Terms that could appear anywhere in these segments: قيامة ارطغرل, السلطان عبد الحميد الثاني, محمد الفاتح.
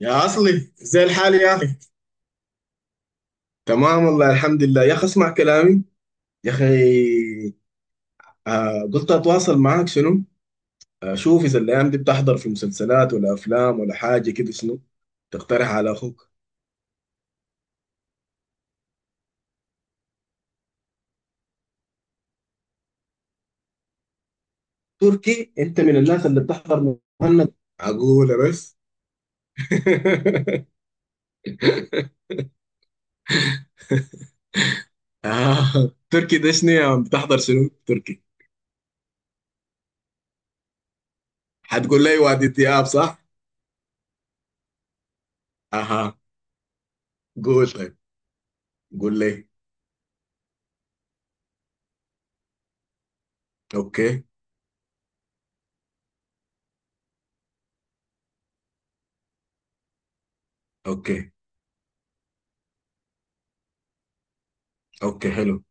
يا عصلي زي الحال يا اخي. تمام والله، الحمد لله يا اخي، اسمع كلامي يا اخي. قلت اتواصل معاك شنو؟ اشوف اذا الايام دي بتحضر في مسلسلات ولا افلام ولا حاجه كده، شنو تقترح على اخوك؟ تركي؟ انت من الناس اللي بتحضر مهند عقولة بس؟ آه. تركي ده شنو يا عم؟ بتحضر شنو تركي؟ هتقول لي وادي دياب صح؟ اها، قول طيب، قول لي. اوكي، اوكي، اوكي، حلو،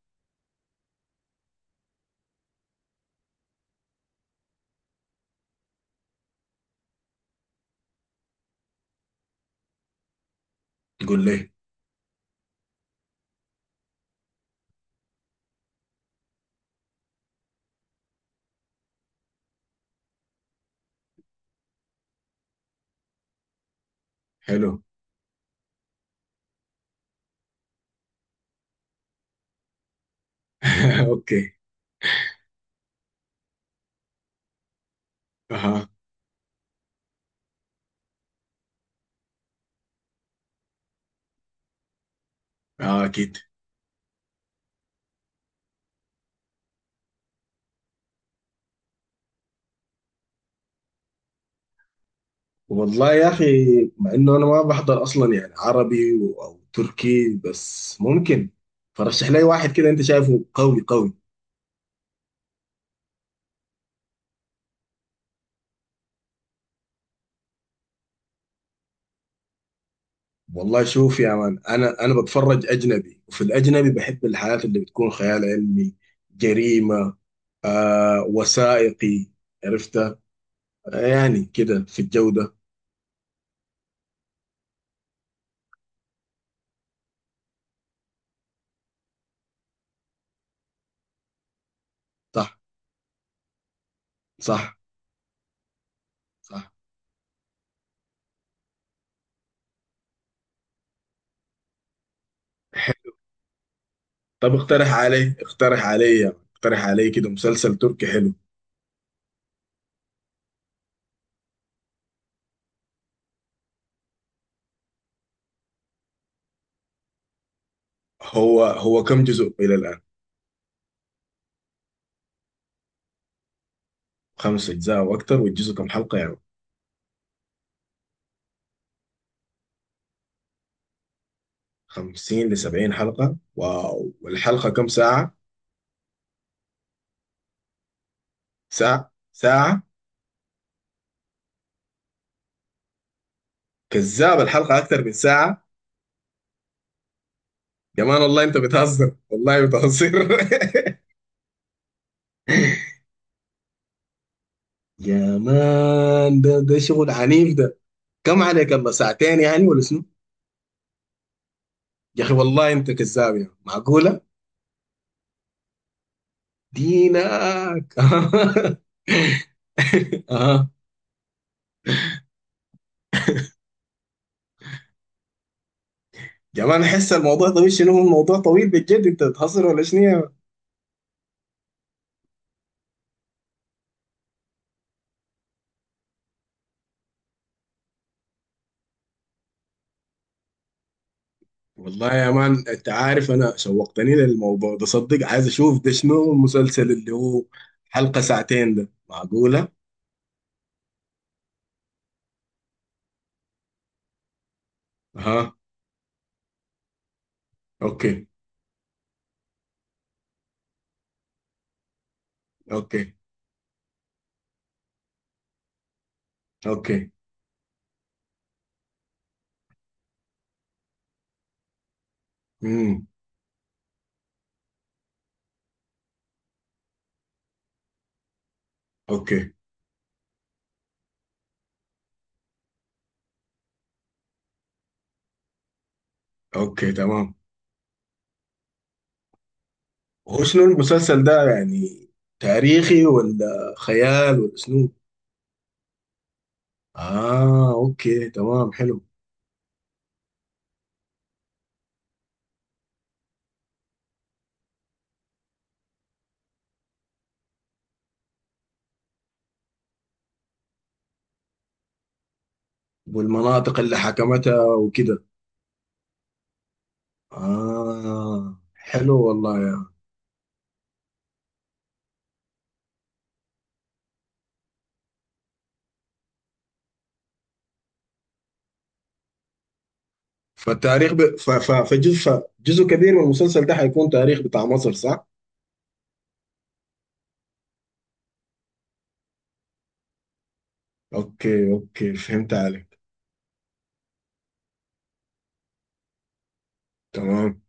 قول لي، حلو، اوكي، اها، اه اكيد. والله يا اخي، مع انه انا ما بحضر اصلا يعني عربي او تركي، بس ممكن فرشح لي واحد كده انت شايفه قوي قوي. والله شوف يا مان، انا بتفرج اجنبي، وفي الاجنبي بحب الحاجات اللي بتكون خيال علمي، جريمة، وثائقي، عرفتها. يعني كده في الجودة. صح، صح، صح. طب اقترح علي، اقترح علي، اقترح علي كده مسلسل تركي حلو. هو كم جزء إلى الآن؟ خمس أجزاء أو أكتر، والجزء كم حلقة يعني؟ 50 لـ 70 حلقة، واو! والحلقة كم ساعة؟ ساعة ساعة؟ كذاب، الحلقة أكتر من ساعة؟ يا مان والله أنت بتهزر، والله بتهزر. يا مان، ده شغل عنيف ده. كم عليك الله، ساعتين يعني ولا شنو؟ يا أخي والله أنت كذاب، يعني معقولة دينك؟ آه. يا مان أحس الموضوع طويل؟ شنو هو الموضوع طويل بالجد؟ أنت بتهزر ولا شنو يا؟ والله يا مان انت عارف، انا شوقتني للموضوع ده صدق، عايز اشوف ده شنو المسلسل اللي هو حلقة ساعتين ده، معقولة؟ اها، اوكي، اوكي، اوكي، امم، اوكي، اوكي، تمام. هو شنو المسلسل ده يعني، تاريخي ولا خيال ولا شنو؟ اه اوكي تمام حلو. والمناطق اللي حكمتها وكده. اه، حلو والله. فالتاريخ ب... ف... ف... فجزء ف... جزء كبير من المسلسل ده حيكون تاريخ بتاع مصر، صح؟ اوكي، اوكي، فهمت عليك. تمام.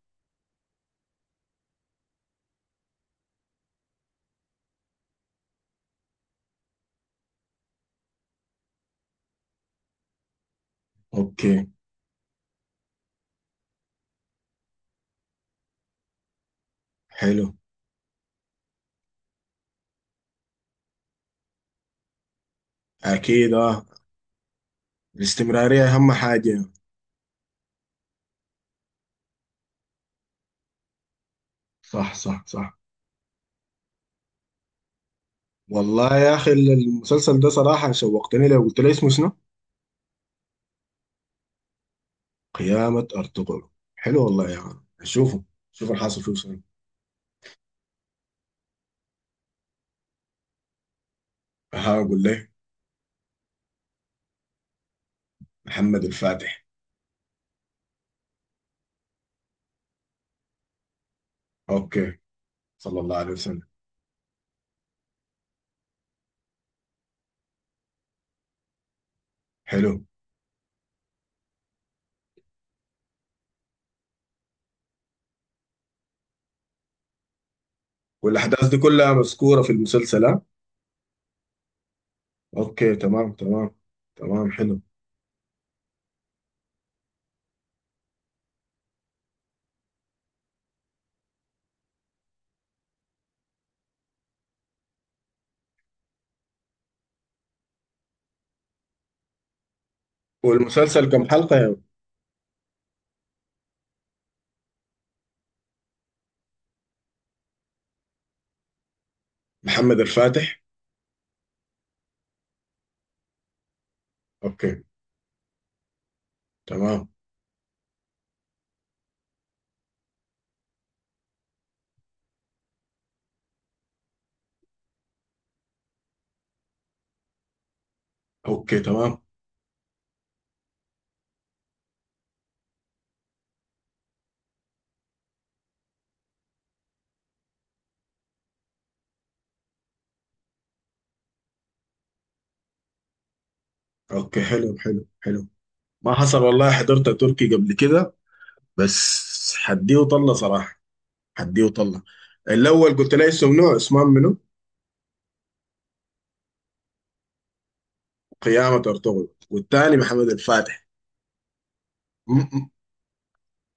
اوكي حلو. اكيد اه، الاستمرارية اهم حاجة. صح، صح، صح. والله يا اخي، المسلسل ده صراحة شوقتني، لو قلت لي اسمه شنو؟ قيامة ارطغرل. حلو والله يا عم نشوفه، شوف الحاصل فيه شنو. هقول لك، محمد الفاتح. اوكي. صلى الله عليه وسلم. حلو. والاحداث دي كلها مذكورة في المسلسل، ها؟ اوكي، تمام، تمام، تمام. حلو. والمسلسل كم حلقة يا؟ محمد الفاتح. اوكي تمام. اوكي تمام. اوكي حلو حلو حلو. ما حصل والله، حضرت تركي قبل كده بس حديه وطلة صراحة. حديه وطلة. الاول قلت لي اسم، نوع اسمه منو؟ قيامة ارطغرل، والثاني محمد الفاتح. م- م-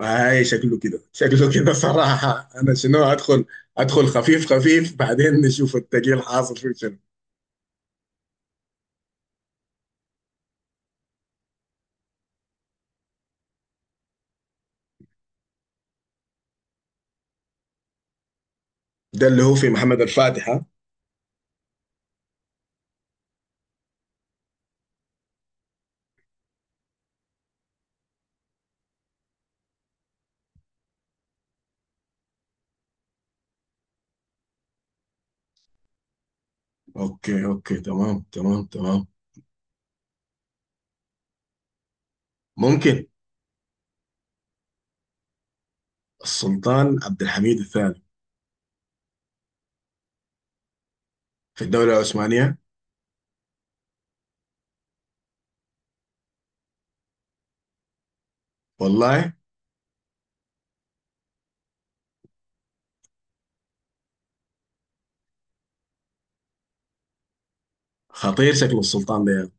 هاي شكله كده، شكله كده صراحة، انا شنو ادخل؟ ادخل خفيف خفيف، بعدين نشوف التقيل حاصل فيه شنو. ده اللي هو في محمد الفاتح، ها؟ اوكي، اوكي، تمام، تمام، تمام. ممكن. السلطان عبد الحميد الثاني. في الدولة العثمانية. والله. خطير شكل السلطان ده يعني.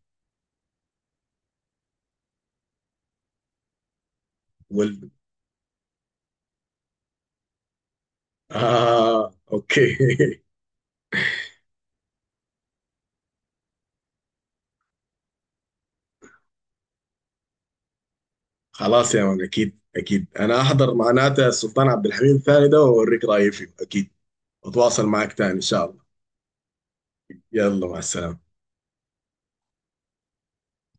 وال... آه اوكي. خلاص يا مان، اكيد اكيد انا احضر معناته السلطان عبد الحميد الثاني ده واوريك رايي فيه اكيد. اتواصل معك تاني ان شاء الله. يلا مع السلامة.